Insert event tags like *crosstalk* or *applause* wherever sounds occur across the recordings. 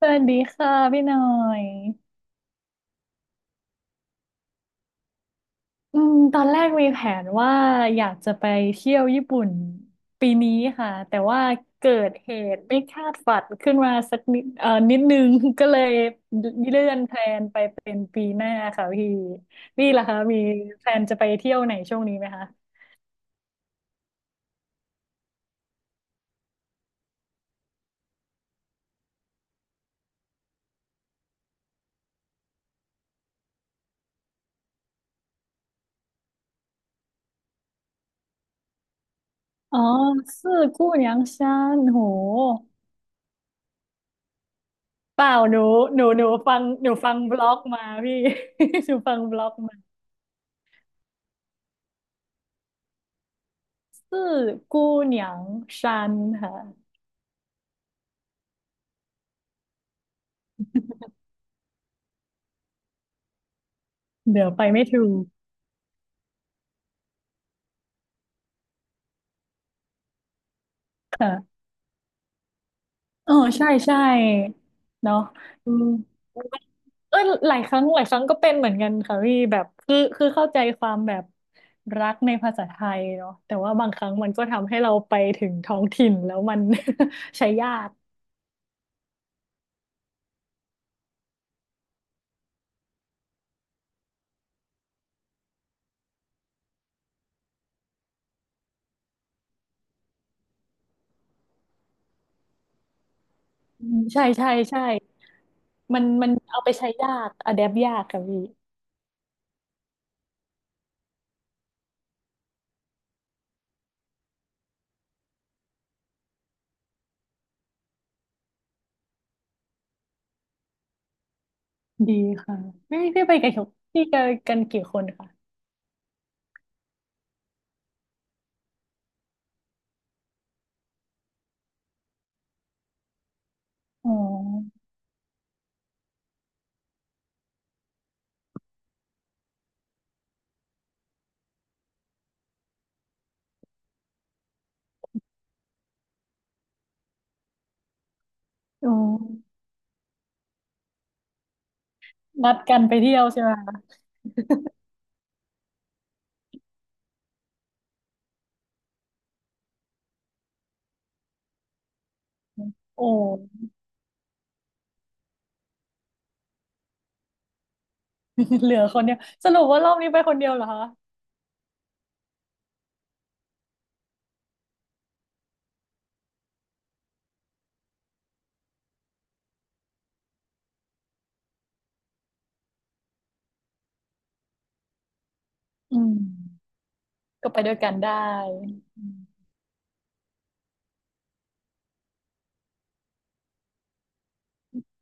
สวัสดีค่ะพี่หน่อยตอนแรกมีแผนว่าอยากจะไปเที่ยวญี่ปุ่นปีนี้ค่ะแต่ว่าเกิดเหตุไม่คาดฝันขึ้นมาสักนิดนิดนึง *laughs* ก็เลยเลื่อนแพลนไปเป็นปีหน้าค่ะพี่พี่ล่ะคะมีแพลนจะไปเที่ยวไหนช่วงนี้ไหมคะอ๋อซื่อกู้หยังชานโหเปล่าหนูหนูฟังฟังบล็อกมาพี่ *laughs* หนูฟังบล็อกมาซื่อกู้หนียางชันค่ะ เดี๋ยวไปไม่ถูกค่ะเออใช่ใช่เนาะอืมเออหลายครั้งหลายครั้งก็เป็นเหมือนกันค่ะพี่แบบคือเข้าใจความแบบรักในภาษาไทยเนาะแต่ว่าบางครั้งมันก็ทำให้เราไปถึงท้องถิ่นแล้วมัน *laughs* ใช้ยากอืมใช่ใช่ใช่มันเอาไปใช้ยากอะแดปยากค่ะพี่ดีค่ะพี่พี่ไปกันพี่กันกี่คนค่ะอ๋ออ๋อนัดกันไปเที่ยวใช่ไหมคะโอ้ *laughs* เหลือคนเดียวสรุปว่ารอบนี้ไปคนเดียวเหรอคะอืมก็ไปด้วยกันได้อืม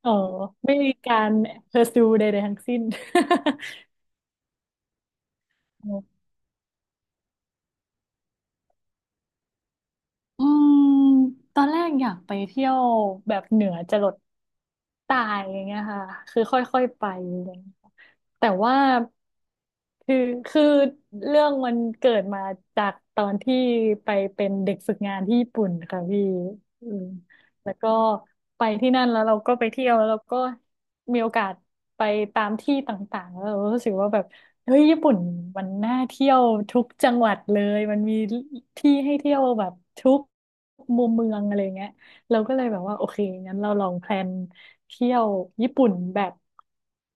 เออไม่มีการ pursue ใดๆทั้งสิ้น *laughs* อืมตอนแรกอยากไปเที่ยวแบบเหนือจรด ตายอย่างเงี้ยค่ะคือค่อยๆไปอย่างเงี้ยแต่ว่าคือคือเรื่องมันเกิดมาจากตอนที่ไปเป็นเด็กฝึกงานที่ญี่ปุ่นค่ะพี่อืมแล้วก็ไปที่นั่นแล้วเราก็ไปเที่ยวแล้วเราก็มีโอกาสไปตามที่ต่างๆแล้วเรารู้สึกว่าแบบเฮ้ยญี่ปุ่นมันน่าเที่ยวทุกจังหวัดเลยมันมีที่ให้เที่ยวแบบทุกมุมเมืองอะไรเงี้ย เราก็เลยแบบว่าโอเคงั้นเราลองแพลนเที่ยวญี่ปุ่นแบบ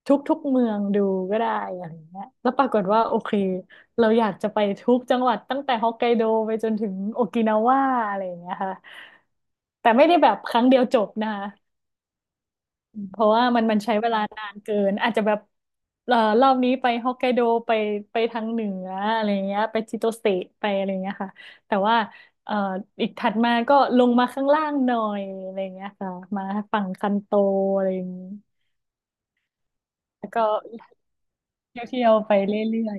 ทุกๆเมืองดูก็ได้อะไรเงี้ยแล้วปรากฏว่าโอเคเราอยากจะไปทุกจังหวัดตั้งแต่ฮอกไกโดไปจนถึงโอกินาวาอะไรอย่างเงี้ยค่ะแต่ไม่ได้แบบครั้งเดียวจบนะคะ เพราะว่ามันใช้เวลานานเกินอาจจะแบบรอบนี้ไปฮอกไกโดไปไปทางเหนืออะไรเงี้ยไปจิโตเซะไปอะไรเงี้ยค่ะแต่ว่าเอ่ออีกถัดมาก็ลงมาข้างล่างหน่อยอะไรเงี้ยค่ะมาฝั่งคันโตอะไรอย่างงี้แล้วก็เที่ยวๆไปเรื่อย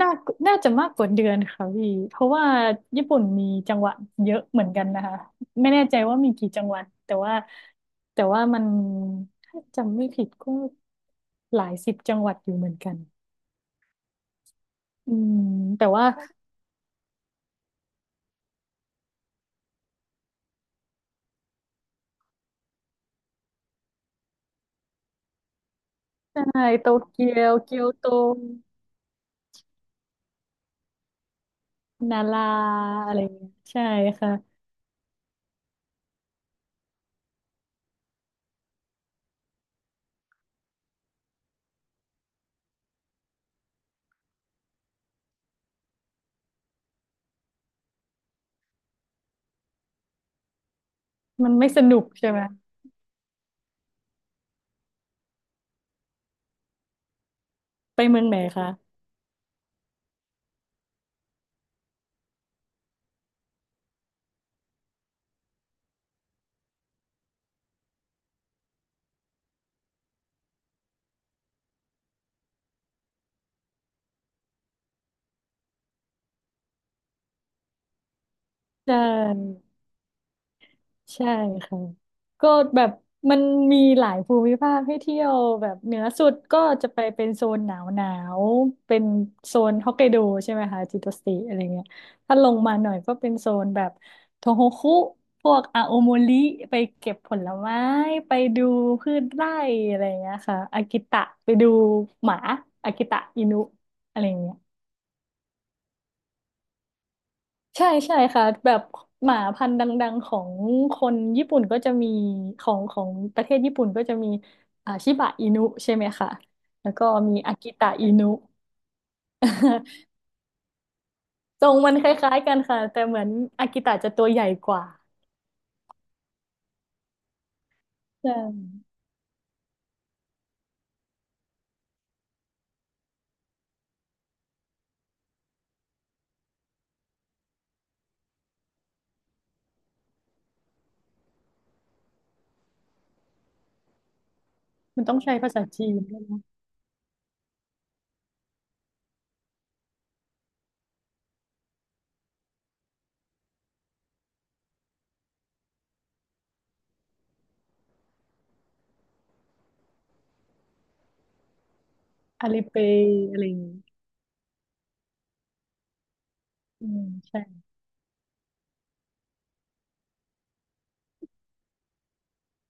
น่าน่าจะมากกว่าเดือนค่ะพี่เพราะว่าญี่ปุ่นมีจังหวัดเยอะเหมือนกันนะคะไม่แน่ใจว่ามีกี่จังหวัดแต่ว่ามันถ้าจำไม่ผิดก็หลายสิบจังหวัดอยู่เหมือนกันอืมแต่ว่าใช่โตเกียวเกียวโตนาราอะไรอย่างเงี้ยใช่ค่ะมันไม่สนุกใช่ไหมไปเมืองไหนคะใช่ ใช่ค่ะก็แบบมันมีหลายภูมิภาคให้เที่ยวแบบเหนือสุดก็จะไปเป็นโซนหนาวหนาวเป็นโซนฮอกไกโดใช่ไหมคะจิโตสติอะไรเงี้ยถ้าลงมาหน่อยก็เป็นโซนแบบโทโฮคุพวกอาโอโมริไปเก็บผลไม้ไปดูพืชไร่อะไรเงี้ยค่ะอากิตะไปดูหมาอากิตะอินุอะไรเงี้ย ใช่ใช่ค่ะแบบหมาพันธุ์ดังๆของคนญี่ปุ่นก็จะมีของประเทศญี่ปุ่นก็จะมีอ่าชิบะอินุใช่ไหมคะแล้วก็มีอากิตะอินุ *laughs* ทรงมันคล้ายๆกันค่ะแต่เหมือนอากิตะจะตัวใหญ่กว่าใช่มันต้องใช้ภาษาจีนด้วยนะอาลีเปย์อะไรอย่างนี้อืมใช่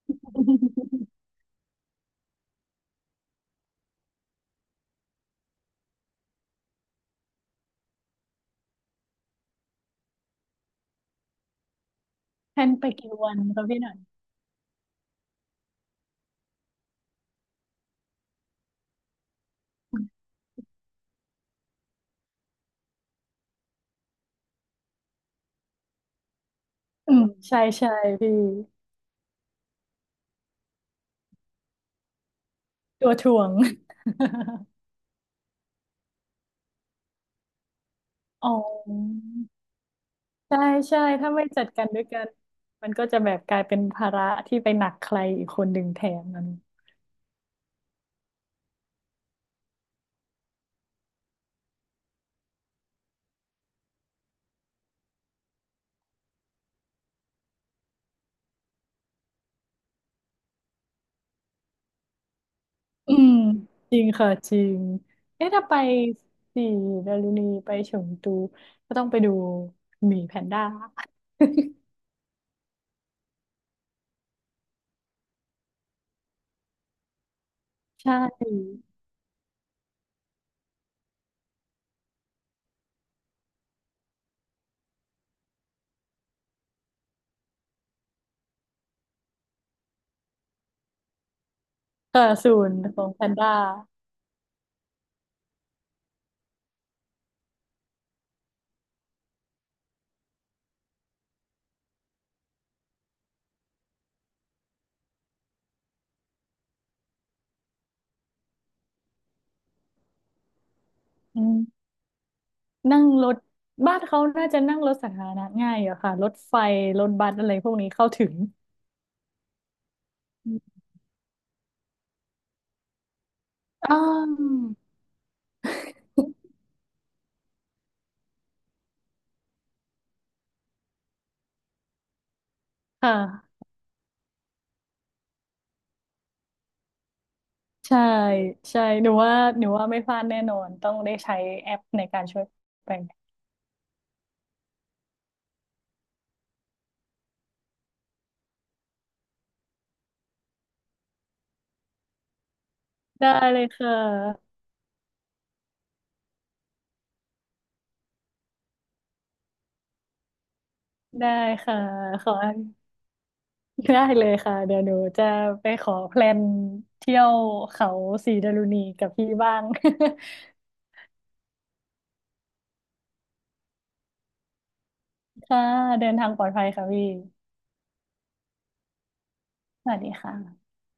*laughs* แพลนไปกี่วันคะพี่หน่อยอืมใช่ใช่พี่ตัวถ่วง *laughs* อ๋อ ใช่ใช่ถ้าไม่จัดการด้วยกันมันก็จะแบบกลายเป็นภาระที่ไปหนักใครอีกคนหนึ่งแทนมันอืมจริงค่ะจริงเอ๊ะถ้าไปสี่ดารุณีไปเฉิงตูก็ต้องไปดูหมีแพนด้า *laughs* ใช่ค่ะศูนย์ของแพนด้าอืมนั่งรถบ้านเขาน่าจะนั่งรถสาธารณะง่ายอะค่ะรถไฟรถบัสอะไรพวกนี้เข้าถึงอมอาวค่ะ ใช่ใช่หนูว่าไม่พลาดแน่นอนต้องได้ใช้แอปในการช่วยแปลได้เลยค่ะได้ค่ะขอได้เลยค่ะเดี๋ยวหนูจะไปขอแพลนเที่ยวเขาสีดารุณีกับพี่บ้าง *laughs* ค่ะเดินทางปลอดภัยค่ะพี่สวัสดีค่ะ